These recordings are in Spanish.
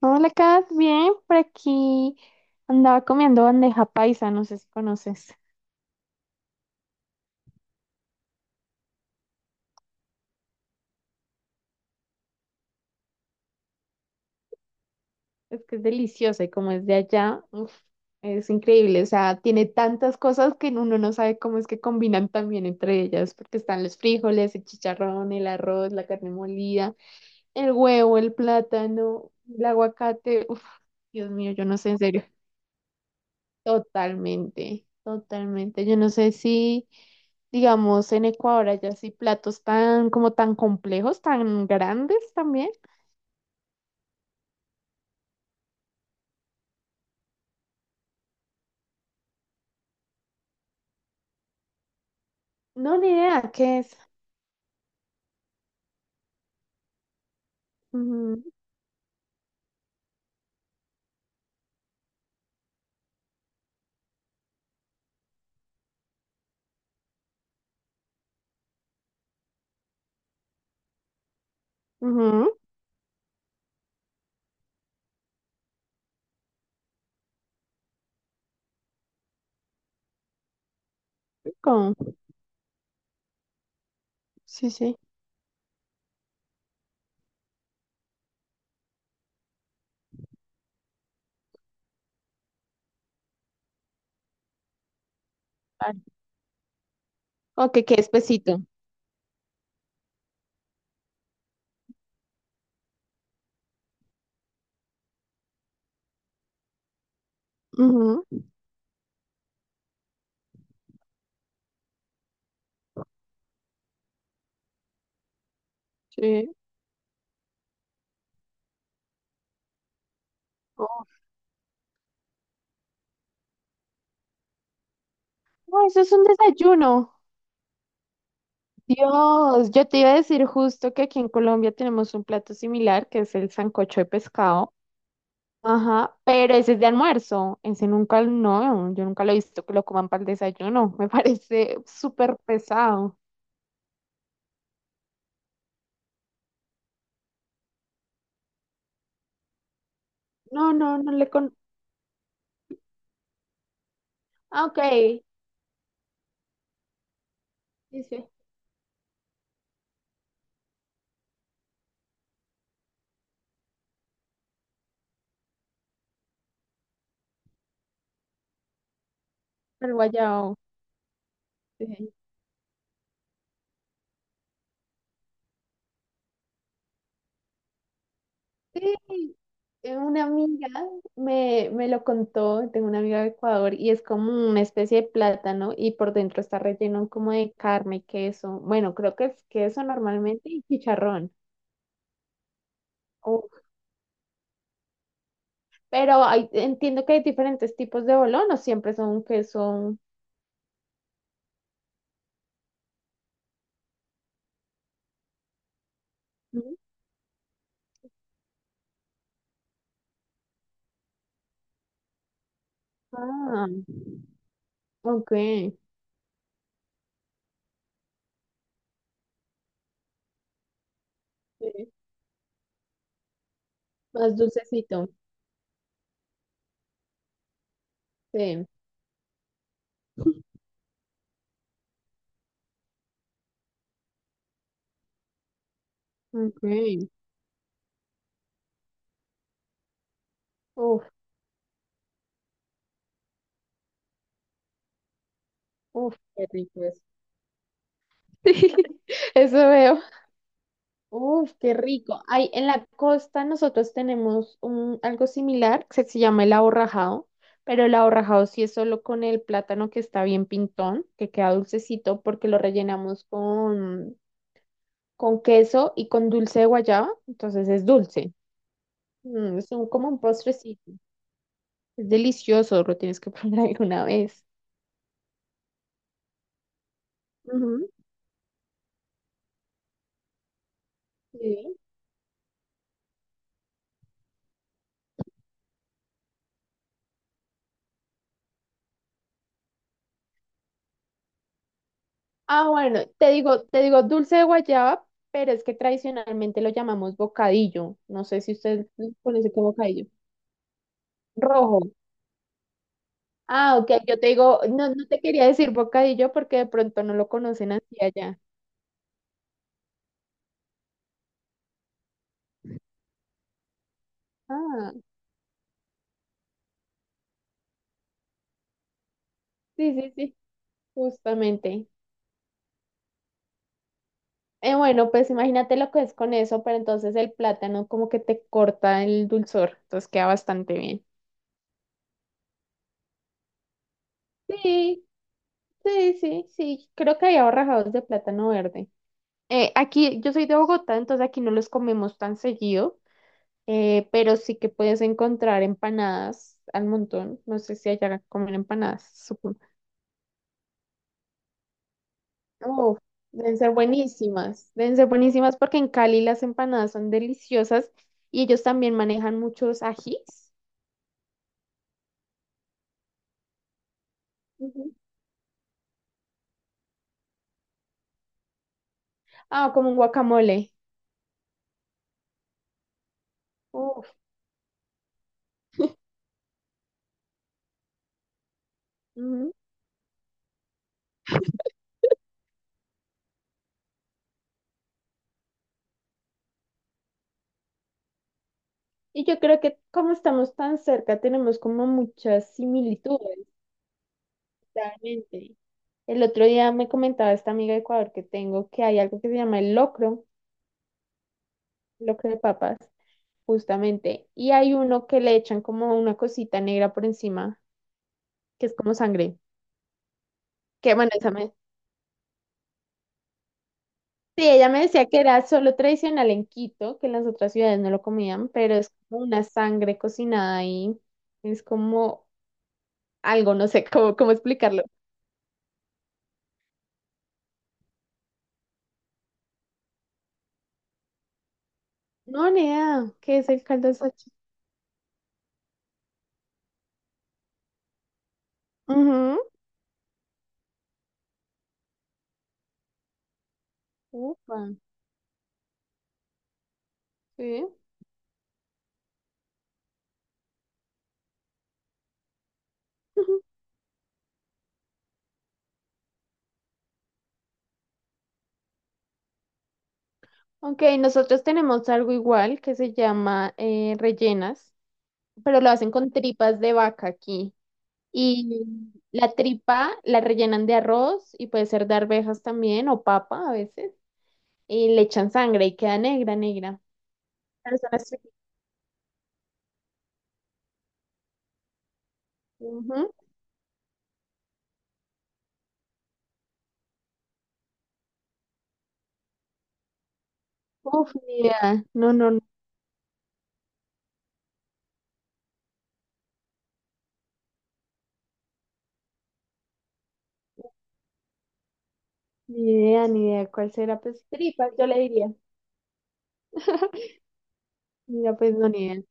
Hola, Kat, bien, por aquí andaba comiendo bandeja paisa, no sé si conoces. Es que es deliciosa y como es de allá, uf, es increíble, o sea, tiene tantas cosas que uno no sabe cómo es que combinan también entre ellas, porque están los frijoles, el chicharrón, el arroz, la carne molida, el huevo, el plátano, el aguacate, uf, Dios mío, yo no sé en serio. Totalmente, totalmente. Yo no sé si, digamos, en Ecuador hay así platos tan, como tan complejos, tan grandes también. No, ni idea, ¿qué es? Ujú, ujú, con- sí, sí. Vale. Ok, qué espesito. Ujú, sí. Oh, no, eso es un desayuno. Dios, yo te iba a decir justo que aquí en Colombia tenemos un plato similar, que es el sancocho de pescado. Ajá, pero ese es de almuerzo, ese nunca, no, yo nunca lo he visto que lo coman para el desayuno, me parece súper pesado. No, no, no le con... Ah, ok, dice, el guayao. Sí, sí, una amiga me lo contó, tengo una amiga de Ecuador y es como una especie de plátano y por dentro está relleno como de carne, queso, bueno, creo que es queso normalmente y chicharrón. Uf, pero entiendo que hay diferentes tipos de bolón, o siempre son queso. Mm. Ah, ok. Sí. Más dulcecito. Sí. Ok. Uf, uf, qué rico es. Eso veo. Uf, qué rico. Ay, en la costa nosotros tenemos un, algo similar que se llama el aborrajado, pero el aborrajado sí es solo con el plátano que está bien pintón, que queda dulcecito porque lo rellenamos con queso y con dulce de guayaba, entonces es dulce. Mm, es un, como un postrecito. Es delicioso, lo tienes que probar alguna vez. Ujú, sí. Ah, bueno, te digo dulce de guayaba, pero es que tradicionalmente lo llamamos bocadillo. No sé si usted conoce como bocadillo. Rojo. Ah, ok, yo te digo, no, no te quería decir bocadillo porque de pronto no lo conocen así allá. Ah, sí, sí, sí, justamente. Bueno, pues imagínate lo que es con eso, pero entonces el plátano como que te corta el dulzor, entonces queda bastante bien. Sí, sí, sí, sí, creo que hay ahorrajados de plátano verde. Aquí, yo soy de Bogotá, entonces aquí no los comemos tan seguido, pero sí que puedes encontrar empanadas al montón. No sé si allá comen empanadas, supongo. Uf, deben ser buenísimas porque en Cali las empanadas son deliciosas y ellos también manejan muchos ajís. Ujú. Ah, como un guacamole. Uf, ujú. Y yo creo que como estamos tan cerca, tenemos como muchas similitudes. Realmente el otro día me comentaba esta amiga de Ecuador que tengo que hay algo que se llama el locro, locro de papas, justamente, y hay uno que le echan como una cosita negra por encima, que es como sangre. Que bueno, esa me... Sí, ella me decía que era solo tradicional en Quito, que en las otras ciudades no lo comían, pero es como una sangre cocinada ahí, es como algo, no sé cómo, cómo explicarlo. No, nea, ¿qué es el caldo de salchicha? Ujú. Upa, sí. Ok, nosotros tenemos algo igual que se llama rellenas, pero lo hacen con tripas de vaca aquí. Y la tripa la rellenan de arroz y puede ser de arvejas también o papa a veces. Y le echan sangre y queda negra, negra. Pero son las tripas. Ujú. Uf, ni idea. No, no, no, ni idea, ni idea. ¿Cuál será? Pues tripas, yo le diría. Mira, pues no, ni idea.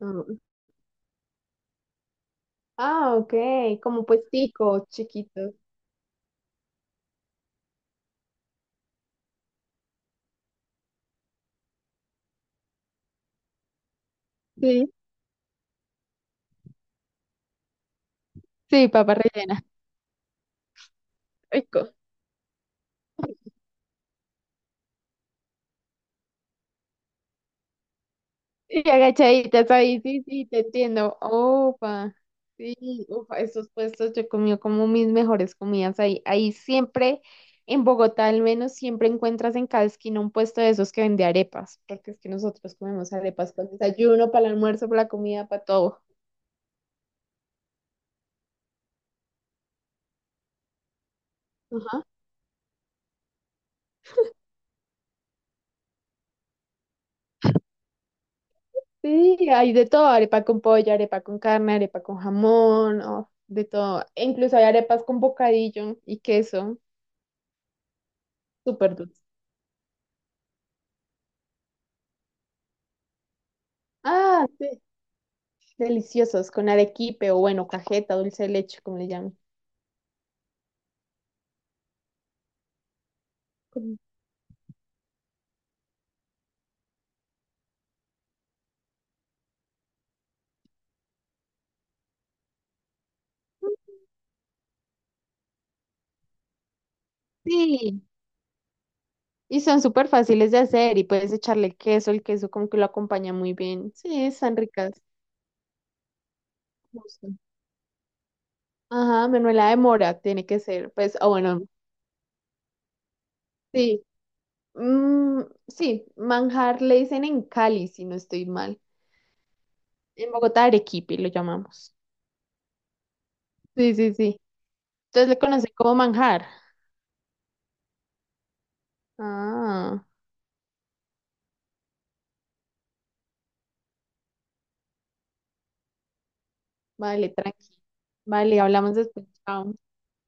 No, no, no. Ah, ok, como puestico, chiquito. Sí, sí, papa rellena. Rico. Y agachaditas ahí, sí, sí, te entiendo. Opa, sí, ufa, esos puestos yo comí como mis mejores comidas ahí. Ahí siempre, en Bogotá al menos, siempre encuentras en cada esquina un puesto de esos que vende arepas, porque es que nosotros comemos arepas para el desayuno, para el almuerzo, para la comida, para todo. Ajá. Sí, hay de todo, arepa con pollo, arepa con carne, arepa con jamón, oh, de todo. E incluso hay arepas con bocadillo y queso, súper dulce. Ah, sí. Deliciosos, con arequipe o bueno, cajeta, dulce de leche, como le llaman. Con- Sí, y son súper fáciles de hacer y puedes echarle queso, el queso como que lo acompaña muy bien. Sí, están ricas. Me Ajá, manuela de mora tiene que ser, pues, o bueno, sí, mm, sí, manjar le dicen en Cali, si no estoy mal. En Bogotá, arequipe lo llamamos. Sí, sí, sí. Entonces le conocen como manjar. Ah, vale, tranqui. Vale, hablamos después. Chao.